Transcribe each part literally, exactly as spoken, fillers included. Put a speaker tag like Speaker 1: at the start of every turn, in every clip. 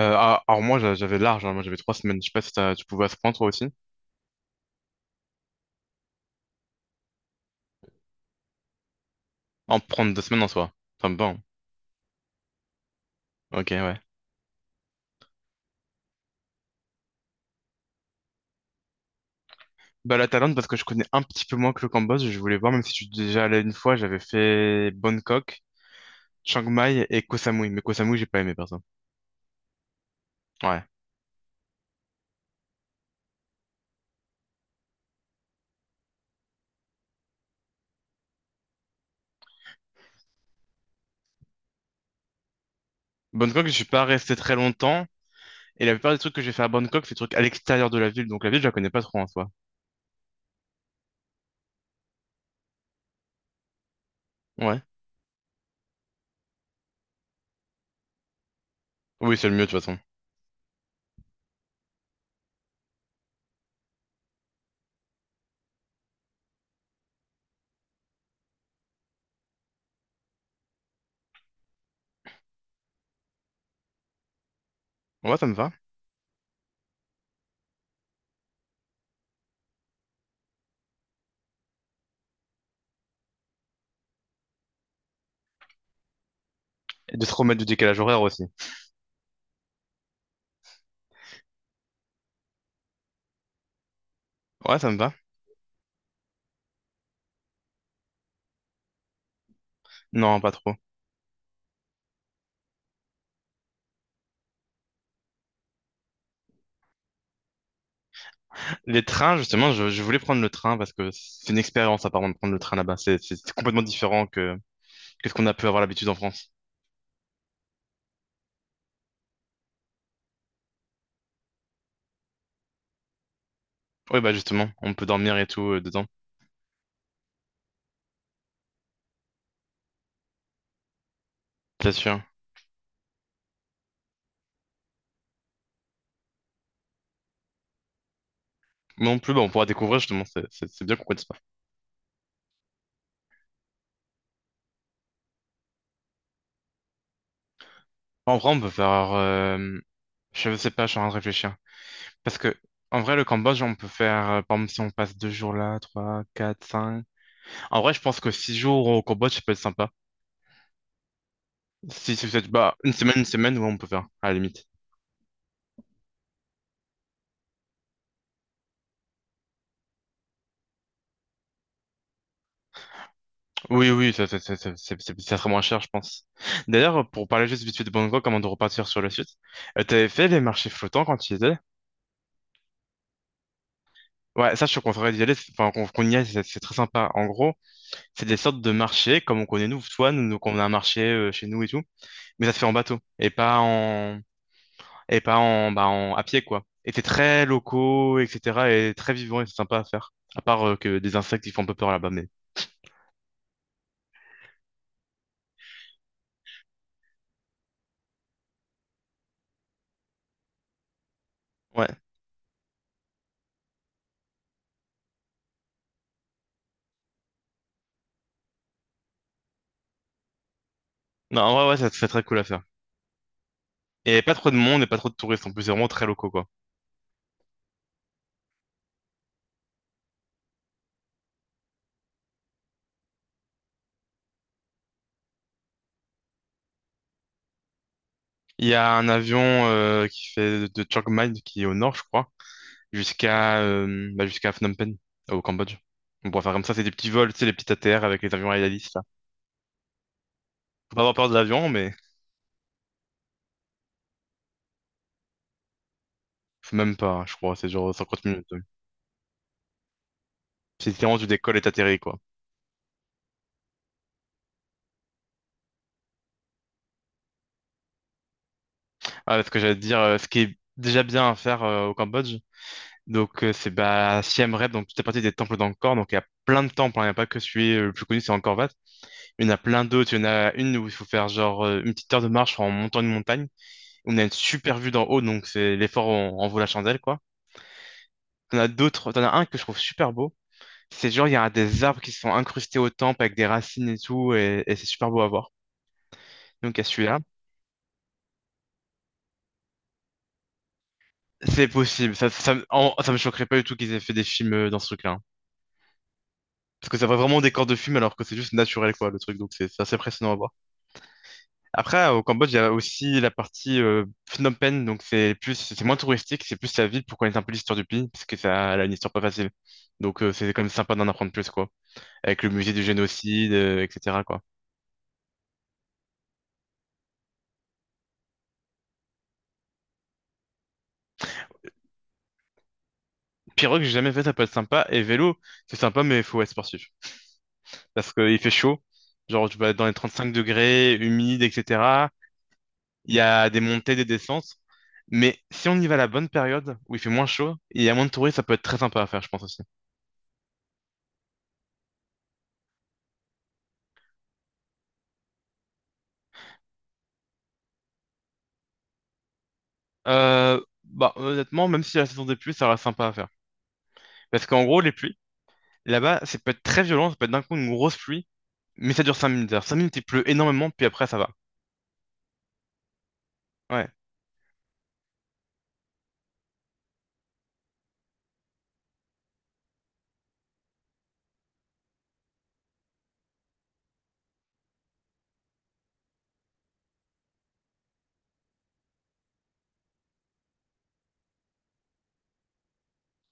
Speaker 1: Euh, ah, alors moi j'a- j'avais large, hein. Moi j'avais trois semaines. Je sais pas si t'as- tu pouvais à ce point toi aussi. En prendre deux semaines en soi. Ça me va, hein. Ok, ouais. Bah la Thaïlande parce que je connais un petit peu moins que le Cambodge. Je voulais voir, même si je suis déjà allé une fois, j'avais fait Bangkok, Chiang Mai et Koh Samui. Mais Koh Samui j'ai pas aimé perso. Ouais. Bangkok je suis pas resté très longtemps. Et la plupart des trucs que j'ai fait à Bangkok, c'est des trucs à l'extérieur de la ville. Donc la ville je la connais pas trop en soi. Ouais. Oui c'est le mieux de toute façon. Ouais ça me va. Et de se remettre du décalage horaire aussi. Ouais ça me va. Non pas trop. Les trains, justement, je, je voulais prendre le train parce que c'est une expérience apparemment de prendre le train là-bas. C'est c'est- c'est complètement différent que qu'est-ce qu'on a pu avoir l'habitude en France. Oui, bah justement, on peut dormir et tout euh, dedans, c'est sûr. Moi non plus, bah, on pourra découvrir justement, c'est c'est- c'est bien qu'on connaisse pas. En vrai, on peut faire, euh, je sais pas, je suis en train de réfléchir. Parce que, en vrai, le Cambodge, on peut faire, euh, par exemple, si on passe deux jours là, trois, quatre, cinq. En vrai, je pense que six jours au Cambodge, ça peut être sympa. Si, si vous êtes, bah, une semaine, une semaine, ouais, on peut faire, à la limite. Oui, oui, ça, ça, ça, ça, c'est- c'est- ça serait moins cher, je pense. D'ailleurs, pour parler juste vite fait de Bangkok, avant de repartir sur le site, euh, t'avais fait les marchés flottants quand tu y étais? Ouais, ça, je suis content d'y aller, c'est- enfin, qu'on qu'on y aille, c'est c'est très sympa. En gros, c'est des sortes de marchés, comme on connaît nous, toi, nous, nous, qu'on a un marché euh, chez nous et tout, mais ça se fait en bateau, et pas en, et pas en, bah, en, à pied, quoi. Et c'est très locaux, et cetera, et très vivant, et c'est sympa à faire. À part euh, que des insectes, ils font un peu peur là-bas, mais. Ouais. Non, ouais, ouais, ça, c'est très cool à faire. Et pas trop de monde et pas trop de touristes, en plus, c'est vraiment très locaux, quoi. Il y a un avion euh, qui fait de Chiang Mai, qui est au nord, je crois, jusqu'à euh, bah, jusqu'à Phnom Penh, au Cambodge. On pourrait faire comme ça, c'est des petits vols, tu sais, les petits A T R avec les avions Aedalis, là. Faut pas avoir peur de l'avion, mais faut même pas, je crois, c'est genre cinquante minutes. euh. C'est littéralement tu décolles et t'atterris, quoi. Ah, parce que j'allais te dire, euh, ce qui est déjà bien à faire euh, au Cambodge, donc euh, c'est bah, Siem Reap, donc tout est parti des temples d'Angkor, donc il y a plein de temples, hein, il n'y a pas que celui euh, le plus connu, c'est Angkor Wat. Il y en a plein d'autres, il y en a une où il faut faire genre euh, une petite heure de marche en montant une montagne. On a une super vue d'en haut, donc c'est l'effort en, en vaut la chandelle, quoi. T'en as d'autres, t'en as un que je trouve super beau. C'est genre, il y a des arbres qui sont incrustés au temple avec des racines et tout, et, et c'est super beau à voir. Donc, il y a celui-là. C'est possible. Ça, ça, me- en- ça me choquerait pas du tout qu'ils aient fait des films euh, dans ce truc-là, hein. Parce que ça va vraiment des corps de film alors que c'est juste naturel, quoi, le truc. Donc, c'est c'est assez impressionnant à voir. Après, au Cambodge, il y a aussi la partie euh, Phnom Penh. Donc, c'est plus, c'est moins touristique, c'est plus la ville pour connaître un peu l'histoire du pays. Parce que ça, elle a une histoire pas facile. Donc, euh, c'est quand même sympa d'en apprendre plus, quoi, avec le musée du génocide, euh, et cetera, quoi. Pirogue, j'ai jamais fait, ça peut être sympa. Et vélo, c'est sympa, mais il faut être sportif. Parce qu'il fait chaud. Genre, tu vas être dans les trente-cinq degrés, humide, et cetera. Il y a des montées, des descentes. Mais si on y va à la bonne période, où il fait moins chaud, et il y a moins de touristes, ça peut être très sympa à faire, je pense aussi. Euh, bah, honnêtement, même si la saison des pluies, ça reste sympa à faire. Parce qu'en gros, les pluies, là-bas, ça peut être très violent, ça peut être d'un coup une grosse pluie, mais ça dure cinq minutes. Alors, cinq minutes, il pleut énormément, puis après, ça va. Ouais,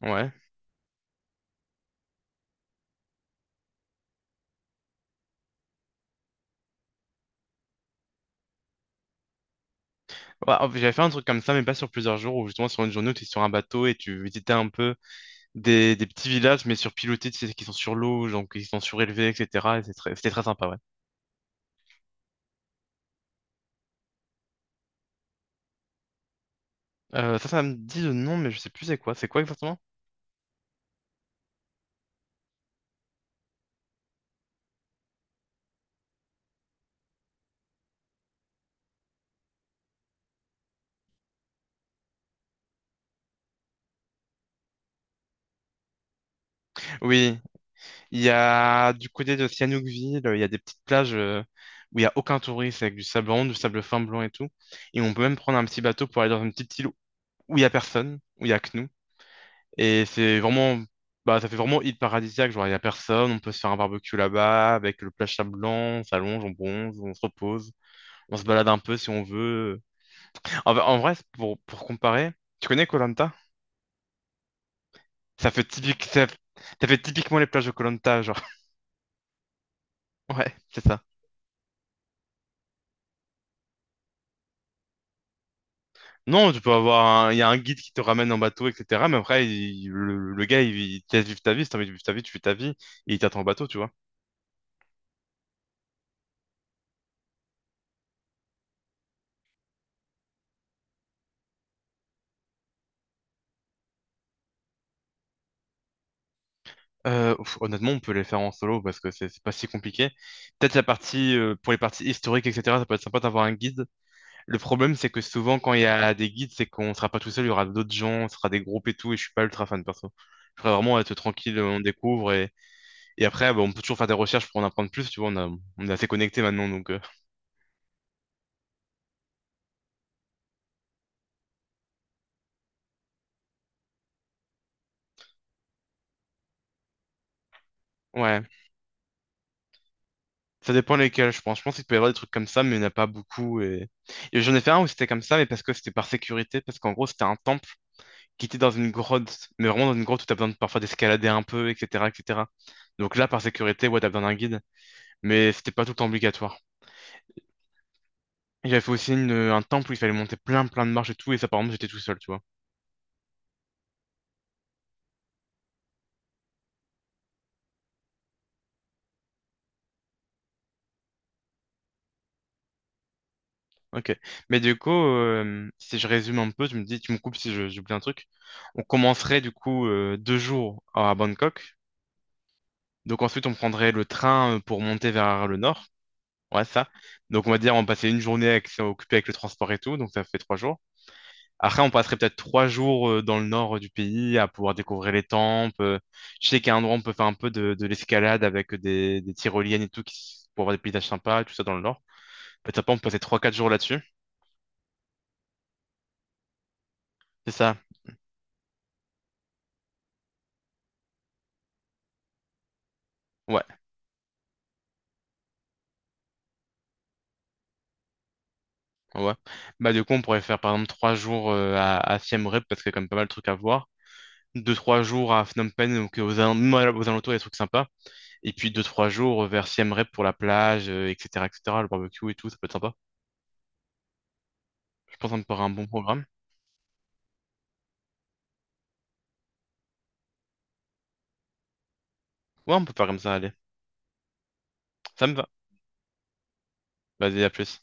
Speaker 1: ouais. Ouais, en fait, j'avais fait un truc comme ça, mais pas sur plusieurs jours, ou justement sur une journée où tu es sur un bateau et tu visitais un peu des, des petits villages, mais surpilotés, tu sais, qui sont sur l'eau, donc qui sont surélevés, et cetera. Et c'est très- c'était très sympa, ouais. Euh, ça, ça me dit le nom, mais je sais plus c'est quoi. C'est quoi exactement? Oui, il y a du côté de Sihanoukville, il y a des petites plages euh, où il y a aucun touriste, avec du sable rond, du sable fin blanc et tout. Et on peut même prendre un petit bateau pour aller dans une petite île où il y a personne, où il y a que nous. Et c'est vraiment, bah, ça fait vraiment île paradisiaque. Genre, il n'y a personne, on peut se faire un barbecue là-bas avec le plage blanc, on s'allonge, on bronze, on se repose, on se balade un peu si on veut. En, en vrai, c'est pour, pour comparer, tu connais koh Ça fait typique, ça, ça fait typiquement les plages de koh genre. Ouais, c'est ça. Non, tu peux avoir un, il y a un guide qui te ramène en bateau, et cetera. Mais après, il- le, le gars, il, il te laisse vivre ta vie. Si t'as envie de vivre ta vie, tu fais ta vie et il t'attend en bateau, tu vois. Euh, pff, honnêtement, on peut les faire en solo parce que c'est c'est pas si compliqué. Peut-être la partie euh, pour les parties historiques, et cetera. Ça peut être sympa d'avoir un guide. Le problème, c'est que souvent, quand il y a des guides, c'est qu'on sera pas tout seul, il y aura d'autres gens, ce sera des groupes et tout. Et je suis pas ultra fan perso. Je voudrais vraiment être tranquille, euh, on découvre et, et après, bah, on peut toujours faire des recherches pour en apprendre plus. Tu vois, on a- on est assez connectés maintenant, donc euh, ouais. Ça dépend lesquels, je pense. Je pense qu'il peut y avoir des trucs comme ça, mais il n'y en a pas beaucoup. Et, et j'en ai fait un où c'était comme ça, mais parce que c'était par sécurité, parce qu'en gros, c'était un temple qui était dans une grotte, mais vraiment dans une grotte où t'as besoin de, parfois d'escalader un peu, et cetera, et cetera. Donc là, par sécurité, ouais, t'as besoin d'un guide, mais c'était pas tout le temps obligatoire. Et J'avais fait aussi une- un temple où il fallait monter plein, plein de marches et tout, et ça, par exemple, j'étais tout seul, tu vois. Ok. Mais du coup, euh, si je résume un peu, tu me dis, tu me coupes si je- j'oublie un truc. On commencerait du coup euh, deux jours à Bangkok. Donc ensuite, on prendrait le train euh, pour monter vers le nord. Ouais, ça. Donc on va dire, on passait une journée avec- occupée avec le transport et tout, donc ça fait trois jours. Après, on passerait peut-être trois jours euh, dans le nord euh, du pays à pouvoir découvrir les temples. Euh, Je sais qu'à un endroit on peut faire un peu de, de l'escalade avec des, des tyroliennes et tout qui s- pour avoir des paysages sympas, tout ça dans le nord. Peut-être après, on peut passer trois, quatre jours là-dessus. C'est ça? Ouais, ouais. Bah, du coup, on pourrait faire par exemple trois jours euh, à, à Siem Reap parce qu'il y a quand même pas mal de trucs à voir. Deux, trois jours à Phnom Penh, donc aux, al- même à- aux alentours, il y a des trucs sympas. Et puis deux, trois jours vers Siem Reap pour la plage, euh, et cetera, et cetera, le barbecue et tout, ça peut être sympa. Je pense qu'on pourrait un bon programme. Ouais, on peut faire comme ça, allez. Ça me va. Vas-y, à plus.